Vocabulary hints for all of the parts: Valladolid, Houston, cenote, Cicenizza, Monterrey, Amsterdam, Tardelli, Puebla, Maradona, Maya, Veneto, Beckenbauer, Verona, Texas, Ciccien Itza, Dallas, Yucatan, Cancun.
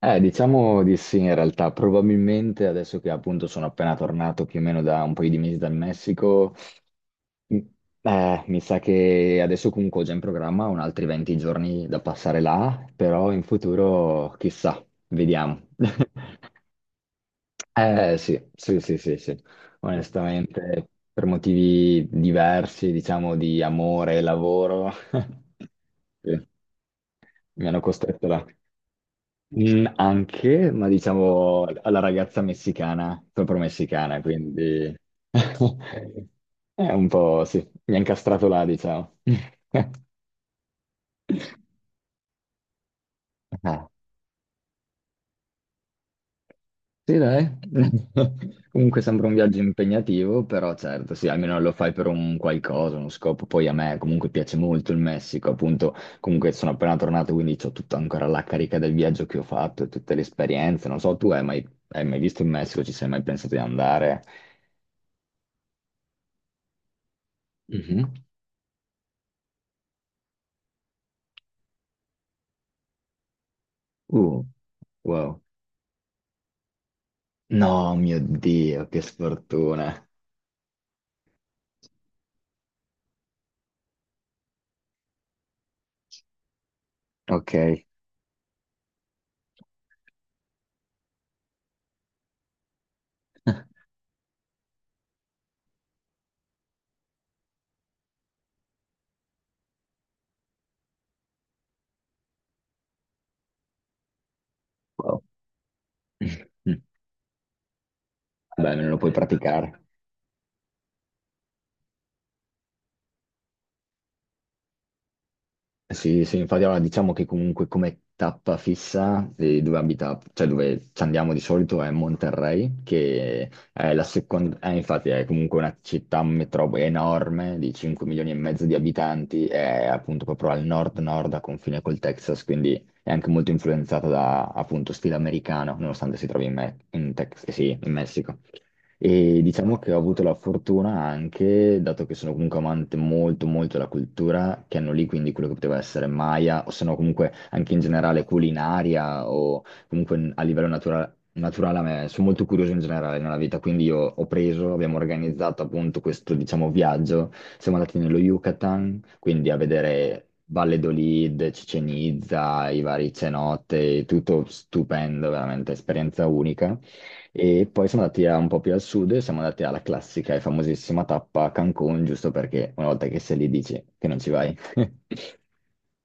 Diciamo di sì, in realtà, probabilmente adesso che appunto sono appena tornato più o meno da un paio di mesi dal Messico, m- mi sa che adesso comunque ho già in programma un altri 20 giorni da passare là, però in futuro chissà, vediamo. Eh sì, sì, sì, sì, sì. Onestamente, per motivi diversi, diciamo di amore e lavoro, sì, mi hanno costretto là. Mm, anche, ma diciamo alla ragazza messicana, proprio messicana, quindi è un po', sì, mi ha incastrato là, diciamo. Ah, sì, dai. Comunque sembra un viaggio impegnativo, però certo, sì, almeno lo fai per un qualcosa, uno scopo. Poi a me comunque piace molto il Messico, appunto, comunque sono appena tornato, quindi ho tutta ancora la carica del viaggio che ho fatto e tutte le esperienze. Non so, tu hai mai visto il Messico? Ci sei mai pensato di andare? Mhm. Uh, wow. No, mio Dio, che sfortuna. Ok, wow. Vabbè, almeno lo puoi praticare. Sì, sì, infatti allora diciamo che comunque come tappa fissa di dove abita, cioè dove ci andiamo di solito è Monterrey, che è la seconda, infatti è comunque una città metropoli enorme di 5 milioni e mezzo di abitanti, è appunto proprio al nord-nord a confine col Texas, quindi è anche molto influenzata da appunto stile americano, nonostante si trovi in, sì, in Messico. E diciamo che ho avuto la fortuna anche, dato che sono comunque amante molto della cultura, che hanno lì quindi quello che poteva essere Maya, o se no comunque anche in generale culinaria, o comunque a livello naturale, a me sono molto curioso in generale nella vita, quindi io ho preso, abbiamo organizzato appunto questo diciamo viaggio, siamo andati nello Yucatan, quindi a vedere Valladolid, Cicenizza, i vari cenote, tutto stupendo, veramente esperienza unica. E poi un po' più al sud e siamo andati alla classica e famosissima tappa a Cancun, giusto perché una volta che sei lì dici che non ci vai.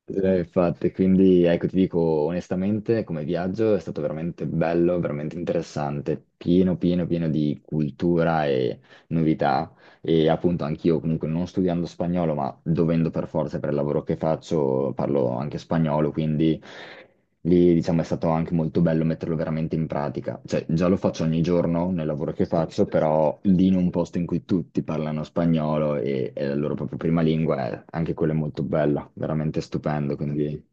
Infatti, quindi ecco, ti dico onestamente, come viaggio è stato veramente bello, veramente interessante, pieno di cultura e novità, e appunto anch'io comunque non studiando spagnolo, ma dovendo per forza per il lavoro che faccio, parlo anche spagnolo, quindi lì diciamo è stato anche molto bello metterlo veramente in pratica. Cioè già lo faccio ogni giorno nel lavoro che faccio, però lì in un posto in cui tutti parlano spagnolo è la loro propria prima lingua, anche quello è molto bello, veramente stupendo, quindi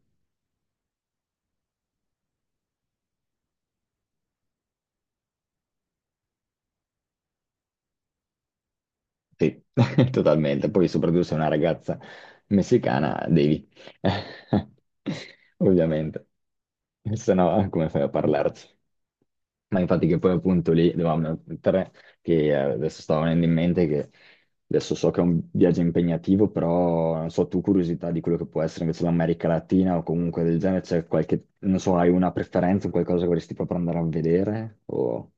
sì, totalmente. Poi soprattutto se è una ragazza messicana, devi. Ovviamente. Se no, come fai a parlarci? Ma infatti che poi appunto lì dovevamo mettere, che adesso stavo venendo in mente che adesso so che è un viaggio impegnativo, però non so, tu curiosità di quello che può essere invece l'America Latina o comunque del genere, c'è qualche, non so, hai una preferenza, qualcosa che vorresti proprio andare a vedere? O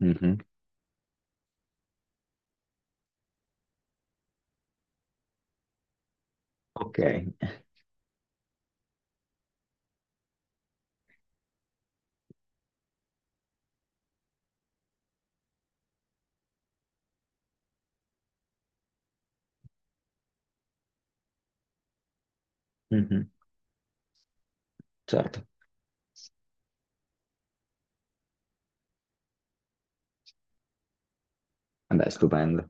mhm. Ok. Mhm. Certo. Vabbè, stupendo.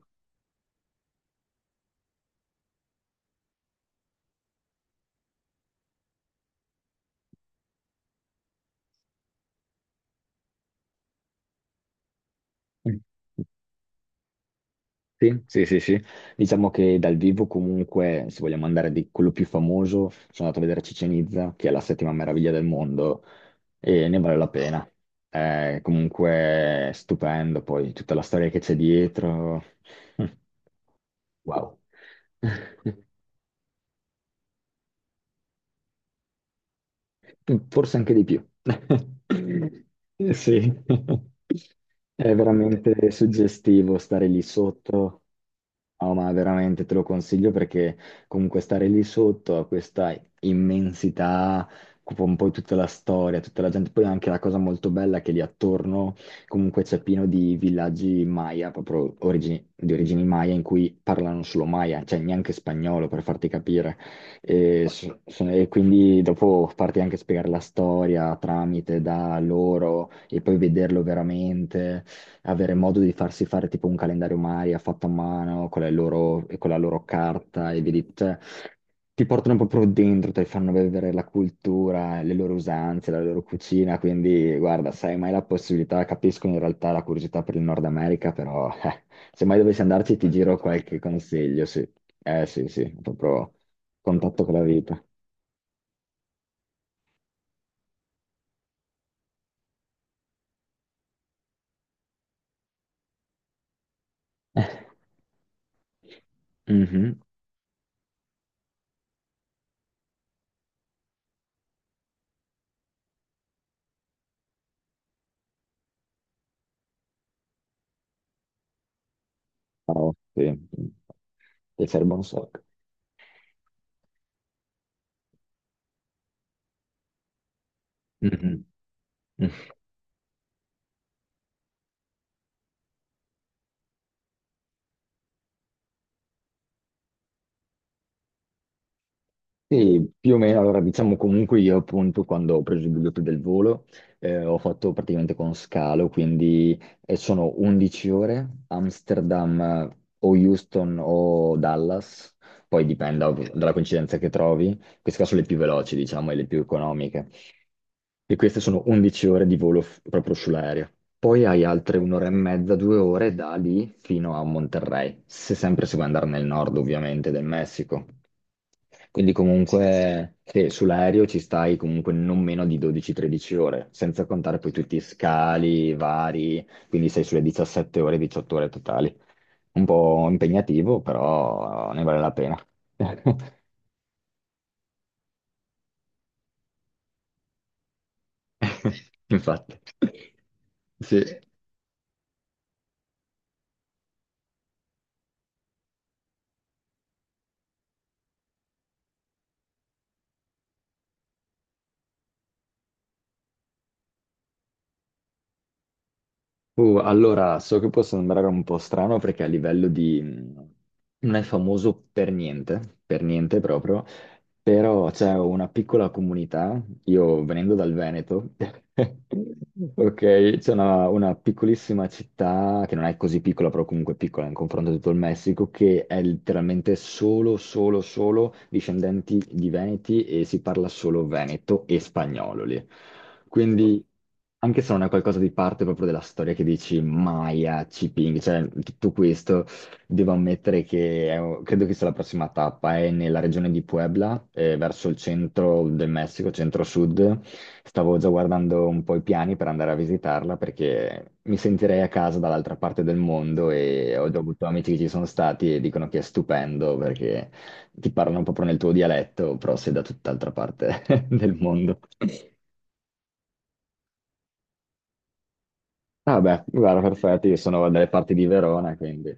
Sì, sì, sì, sì. Diciamo che dal vivo comunque, se vogliamo andare di quello più famoso, sono andato a vedere Ciccien Itza, che è la settima meraviglia del mondo, e ne vale la pena. È comunque stupendo, poi tutta la storia che c'è dietro. Wow. Forse anche di più. Sì. È veramente suggestivo stare lì sotto. No, ma veramente te lo consiglio perché comunque stare lì sotto a questa immensità, occupa un po' tutta la storia, tutta la gente. Poi anche la cosa molto bella è che lì attorno comunque c'è pieno di villaggi Maya, proprio di origini Maya, in cui parlano solo Maya, cioè neanche spagnolo per farti capire. E quindi dopo parti anche a spiegare la storia tramite da loro e poi vederlo veramente, avere modo di farsi fare tipo un calendario Maria fatto a mano con le loro- e con la loro carta e vedi, cioè, ti portano proprio dentro, ti fanno vedere la cultura, le loro usanze, la loro cucina, quindi guarda, se hai mai la possibilità, capisco in realtà la curiosità per il Nord America, però se mai dovessi andarci ti giro qualche consiglio, sì. Eh sì, sì, proprio. Contatto con la vita. Mhm. Bravo, sì. Ti serve un sacco. Mhm. Sì, più o meno, allora diciamo comunque io appunto quando ho preso il biglietto del volo, ho fatto praticamente con scalo, quindi sono 11 ore, Amsterdam o Houston o Dallas, poi dipende ovvio, dalla coincidenza che trovi, queste qua sono le più veloci diciamo e le più economiche. E queste sono 11 ore di volo proprio sull'aereo. Poi hai altre un'ora e mezza, due ore da lì fino a Monterrey, se sempre si vuoi andare nel nord ovviamente del Messico. Quindi comunque sì, sull'aereo ci stai comunque non meno di 12-13 ore, senza contare poi tutti i scali vari, quindi sei sulle 17 ore, 18 ore totali. Un po' impegnativo, però ne vale la pena. Infatti. Sì. Allora, so che può sembrare un po' strano perché a livello di mm, non è famoso per niente proprio. Però c'è una piccola comunità, io venendo dal Veneto, ok, c'è una piccolissima città che non è così piccola, però comunque piccola in confronto a tutto il Messico, che è letteralmente solo discendenti di Veneti e si parla solo veneto e spagnolo lì. Quindi, anche se non è qualcosa di parte proprio della storia che dici Maya, Ciping, cioè tutto questo devo ammettere credo che sia la prossima tappa, è nella regione di Puebla, verso il centro del Messico, centro-sud. Stavo già guardando un po' i piani per andare a visitarla perché mi sentirei a casa dall'altra parte del mondo e ho già avuto amici che ci sono stati e dicono che è stupendo perché ti parlano proprio nel tuo dialetto, però sei da tutt'altra parte del mondo. Vabbè, guarda, perfetto, io sono dalle parti di Verona, quindi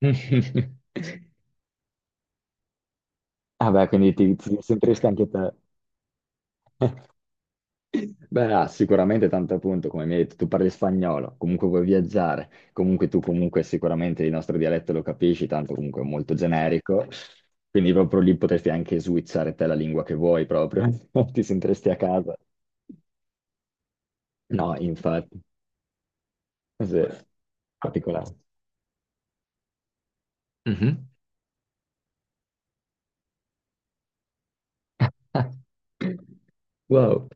vabbè, quindi ti sentiresti anche te. Beh, ha sicuramente tanto appunto, come mi hai detto, tu parli spagnolo, comunque vuoi viaggiare, comunque tu comunque sicuramente il nostro dialetto lo capisci, tanto comunque è molto generico, quindi proprio lì potresti anche switchare te la lingua che vuoi proprio, ti sentiresti a casa. No, infatti, sì, particolare. Mhm. Wow.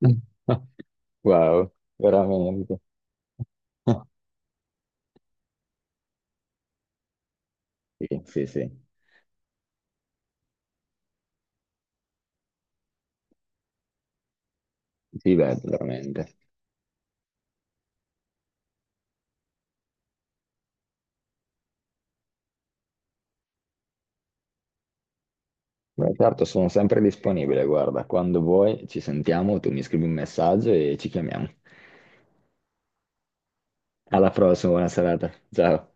Wow, veramente. Sì, sì, sì, sì, beh, veramente. Beh, certo, sono sempre disponibile, guarda, quando vuoi ci sentiamo, tu mi scrivi un messaggio e ci chiamiamo. Alla prossima, buona serata. Ciao.